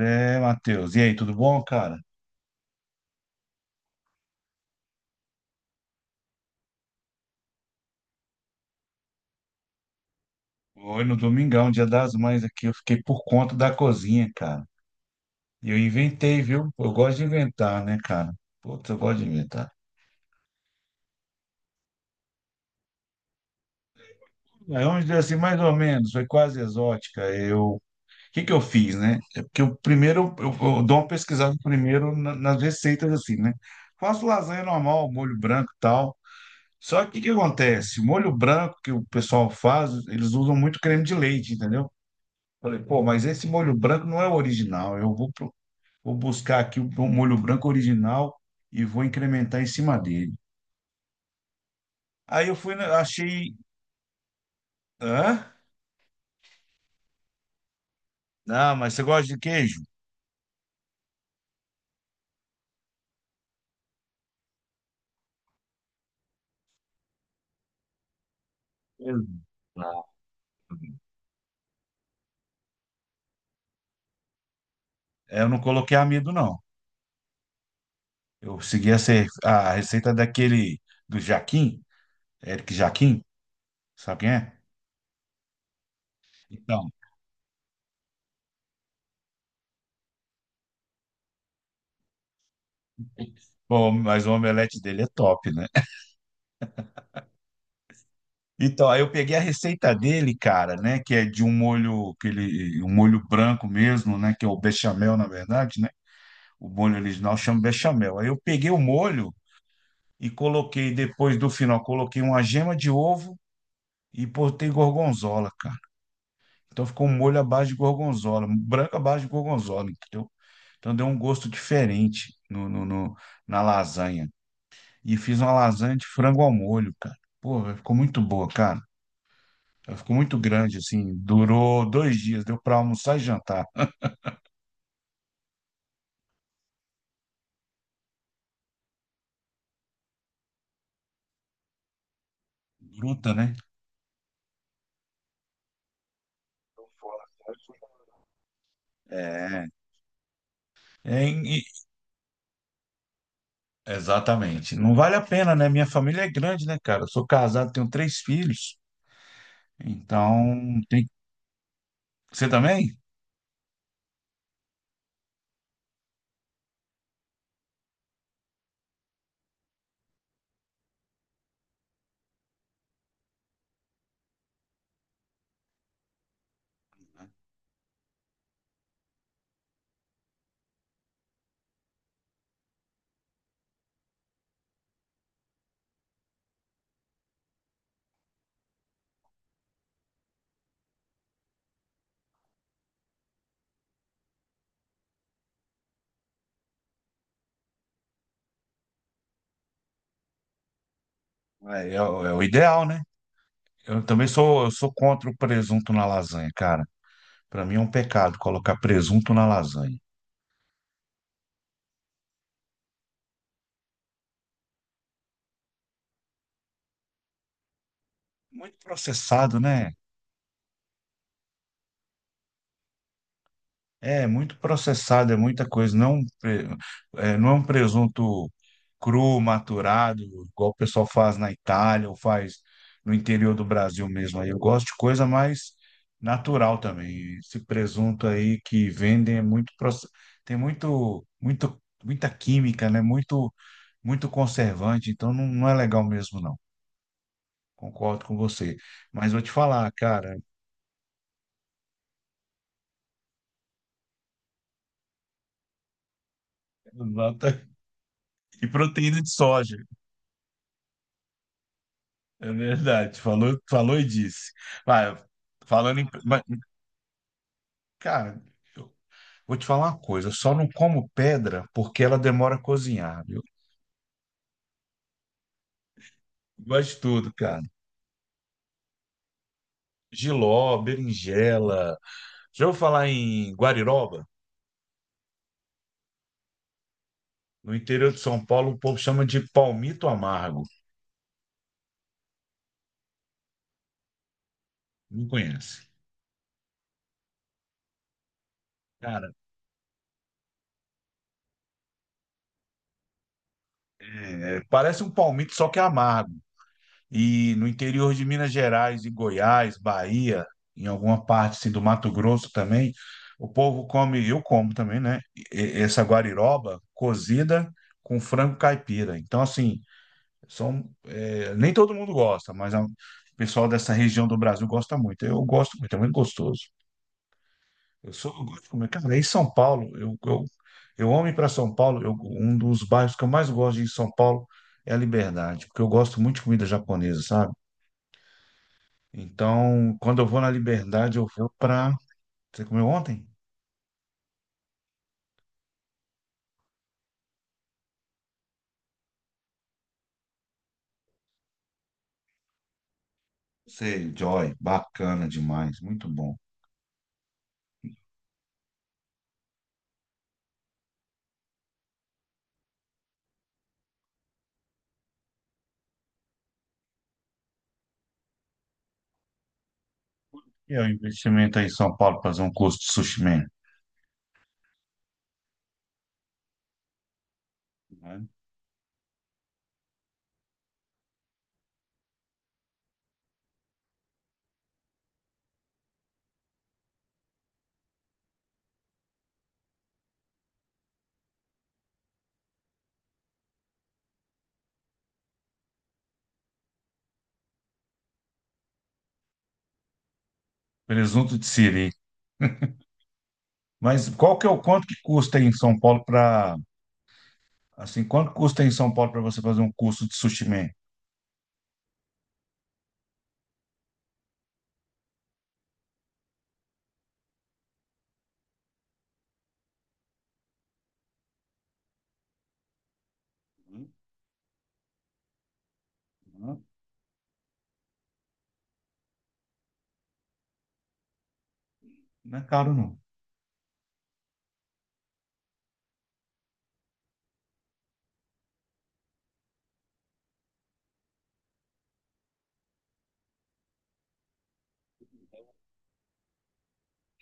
É, Matheus. E aí, tudo bom, cara? Hoje no Domingão, Dia das Mães aqui, eu fiquei por conta da cozinha, cara. E eu inventei, viu? Eu gosto de inventar, né, cara? Putz, eu gosto de inventar. Aí vamos dizer assim, mais ou menos, foi quase exótica. Eu, o que que eu fiz, né? É porque eu primeiro, eu dou uma pesquisada primeiro nas receitas, assim, né? Faço lasanha normal, molho branco e tal. Só que o que que acontece? O molho branco que o pessoal faz, eles usam muito creme de leite, entendeu? Falei, pô, mas esse molho branco não é o original. Eu vou, vou buscar aqui o molho branco original e vou incrementar em cima dele. Aí eu fui, achei. Hã? Não, mas você gosta de queijo? Exato. É, eu não coloquei amido, não. Eu segui a receita daquele do Jaquim, Eric Jaquim, sabe quem é? Então, bom, mas o omelete dele é top, né? Então, aí eu peguei a receita dele, cara, né, que é de um molho, aquele um molho branco mesmo, né, que é o bechamel, na verdade, né? O molho original chama bechamel. Aí eu peguei o molho e coloquei depois do final, coloquei uma gema de ovo e botei gorgonzola, cara. Então ficou um molho à base de gorgonzola, branco à base de gorgonzola, entendeu? Então deu um gosto diferente na lasanha. E fiz uma lasanha de frango ao molho, cara. Porra, ficou muito boa, cara. Ela ficou muito grande, assim. Durou dois dias, deu para almoçar e jantar. Bruta, né? É, é, e- exatamente. Não vale a pena, né? Minha família é grande, né, cara? Eu sou casado, tenho três filhos, então tem. Você também? É, é o é o ideal, né? Eu também sou, eu sou contra o presunto na lasanha, cara. Para mim é um pecado colocar presunto na lasanha. Muito processado, né? É muito processado, é muita coisa. Não, não é um presunto cru, maturado, igual o pessoal faz na Itália ou faz no interior do Brasil mesmo. Aí eu gosto de coisa mais natural também. Esse presunto aí que vendem é tem muito, muito, muita química, né? Muito, muito conservante. Então não, não é legal mesmo, não. Concordo com você. Mas vou te falar, cara. nota- e proteína de soja. É verdade, falou, falou e disse. Vai, falando em. Mas, Cara, eu vou te falar uma coisa, eu só não como pedra porque ela demora a cozinhar, viu? Gosto de tudo, cara. Jiló, berinjela. Já ouviu falar em guariroba? No interior de São Paulo, o povo chama de palmito amargo. Não conhece. Cara, parece um palmito, só que é amargo. E no interior de Minas Gerais e Goiás, Bahia, em alguma parte assim, do Mato Grosso também, o povo come, eu como também, né? Essa guariroba cozida com frango caipira. Então, assim, nem todo mundo gosta, mas o pessoal dessa região do Brasil gosta muito. Eu gosto muito, é muito gostoso. Eu sou, eu gosto de comer. Cara, em São Paulo, eu amo ir para São Paulo. Um dos bairros que eu mais gosto de ir em São Paulo é a Liberdade, porque eu gosto muito de comida japonesa, sabe? Então, quando eu vou na Liberdade, eu vou para. Você comeu ontem? Sei, Joy, bacana demais, muito bom. E é o investimento aí em São Paulo para fazer um curso de sushi man, né? Presunto de siri. Mas qual que é o quanto que custa aí em São Paulo para assim, quanto custa aí em São Paulo para você fazer um curso de sushi man? Uhum. Não é caro não.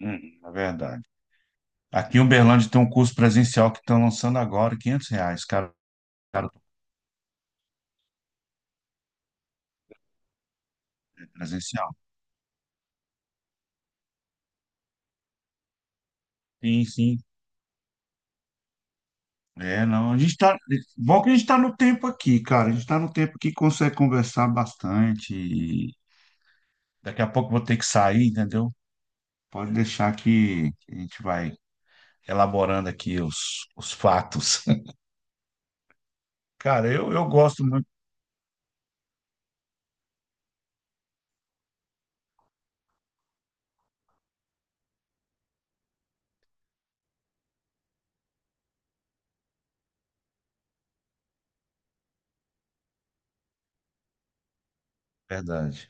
Na verdade. Aqui em Uberlândia tem um curso presencial que estão lançando agora, quinhentos R$ 500, cara, presencial. Sim, sim, é, não, a gente tá. Bom que a gente tá no tempo aqui, cara. A gente tá no tempo que consegue conversar bastante. E daqui a pouco eu vou ter que sair, entendeu? Pode deixar que a gente vai elaborando aqui os fatos. Cara, eu gosto muito, verdade.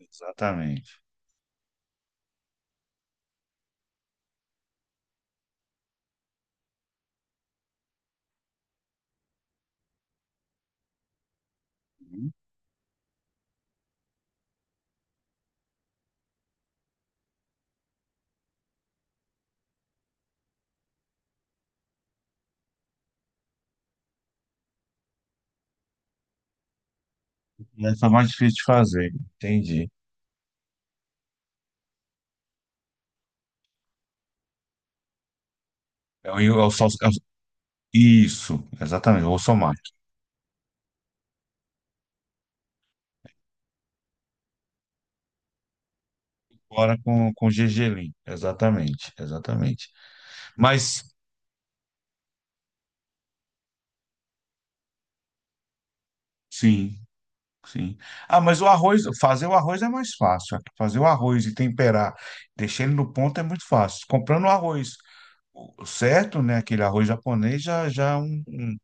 Exatamente. Essa é mais difícil de fazer, entendi. É o, é o, sal- é o- isso, exatamente, o somar. Agora com gergelim, exatamente, exatamente. Mas, sim. Sim. Ah, mas o arroz, fazer o arroz é mais fácil. Fazer o arroz e temperar, deixar ele no ponto é muito fácil. Comprando o arroz o certo, né, aquele arroz japonês já é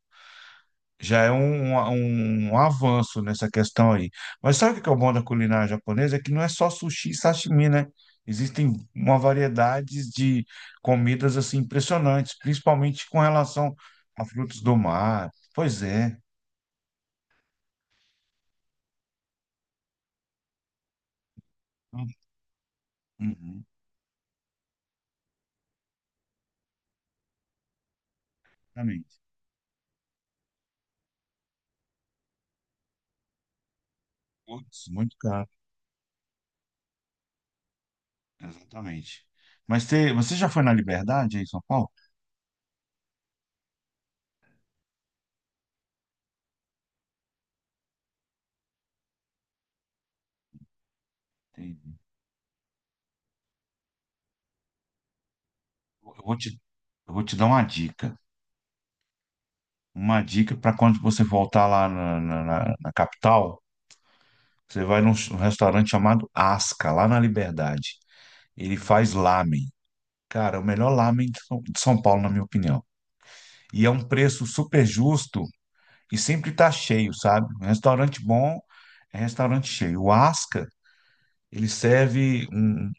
já é um, um, um avanço nessa questão aí. Mas sabe o que que é o bom da culinária japonesa? É que não é só sushi e sashimi, né? Existem uma variedade de comidas assim impressionantes, principalmente com relação a frutos do mar. Pois é. Uhum, exatamente. Putz, muito caro. Exatamente. Mas você já foi na Liberdade aí em São Paulo? Entendi. Eu vou te, eu vou te dar uma dica. Uma dica para quando você voltar lá na capital, você vai num restaurante chamado Asca, lá na Liberdade. Ele faz lamen. Cara, é o melhor lamen de São Paulo, na minha opinião. E é um preço super justo e sempre tá cheio, sabe? Um restaurante bom é restaurante cheio. O Asca, ele serve um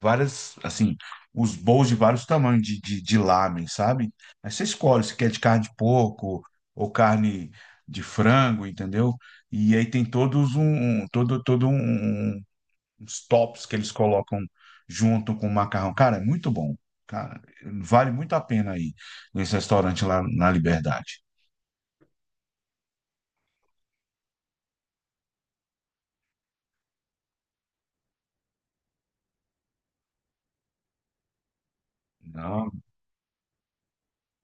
várias, assim, os bowls de vários tamanhos de lamen, sabe? Aí você escolhe se quer de carne de porco ou carne de frango, entendeu? E aí tem todos um, um- todo, todo um, um, um, uns tops que eles colocam junto com o macarrão. Cara, é muito bom. Cara, vale muito a pena aí nesse restaurante lá na Liberdade. Não.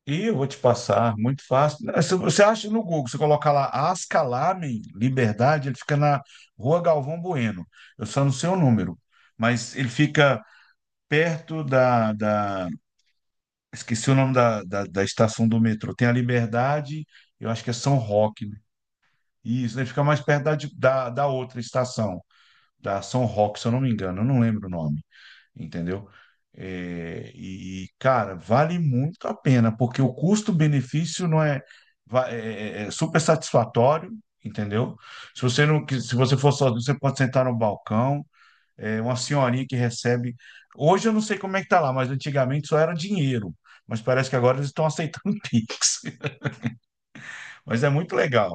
E eu vou te passar, muito fácil. É, se você acha no Google, você coloca lá Asca Lamen, Liberdade, ele fica na Rua Galvão Bueno. Eu só não sei o número, mas ele fica perto esqueci o nome da estação do metrô. Tem a Liberdade, eu acho que é São Roque, né? Isso, ele fica mais perto da outra estação da Ação Rock, se eu não me engano, eu não lembro o nome, entendeu? É, e, cara, vale muito a pena, porque o custo-benefício não é, é super satisfatório, entendeu? Se você não, se você for sozinho, você pode sentar no balcão, é uma senhorinha que recebe. Hoje eu não sei como é que tá lá, mas antigamente só era dinheiro. Mas parece que agora eles estão aceitando Pix. Mas é muito legal.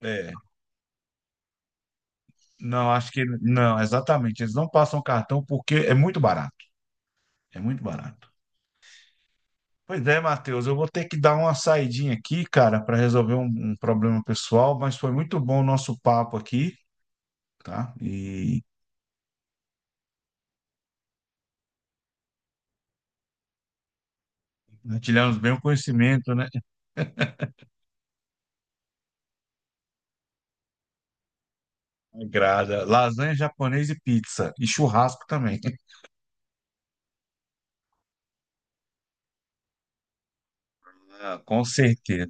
É, não, acho que não, exatamente. Eles não passam cartão porque é muito barato. É muito barato. Pois é, Matheus, eu vou ter que dar uma saidinha aqui, cara, para resolver um problema pessoal, mas foi muito bom o nosso papo aqui, tá? E partilhamos bem o conhecimento, né? Agrada. Lasanha japonesa e pizza, e churrasco também. Ah, com certeza.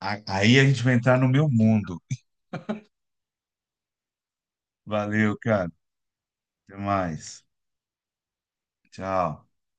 Aí a gente vai entrar no meu mundo. Valeu, cara. Até mais. Tchau.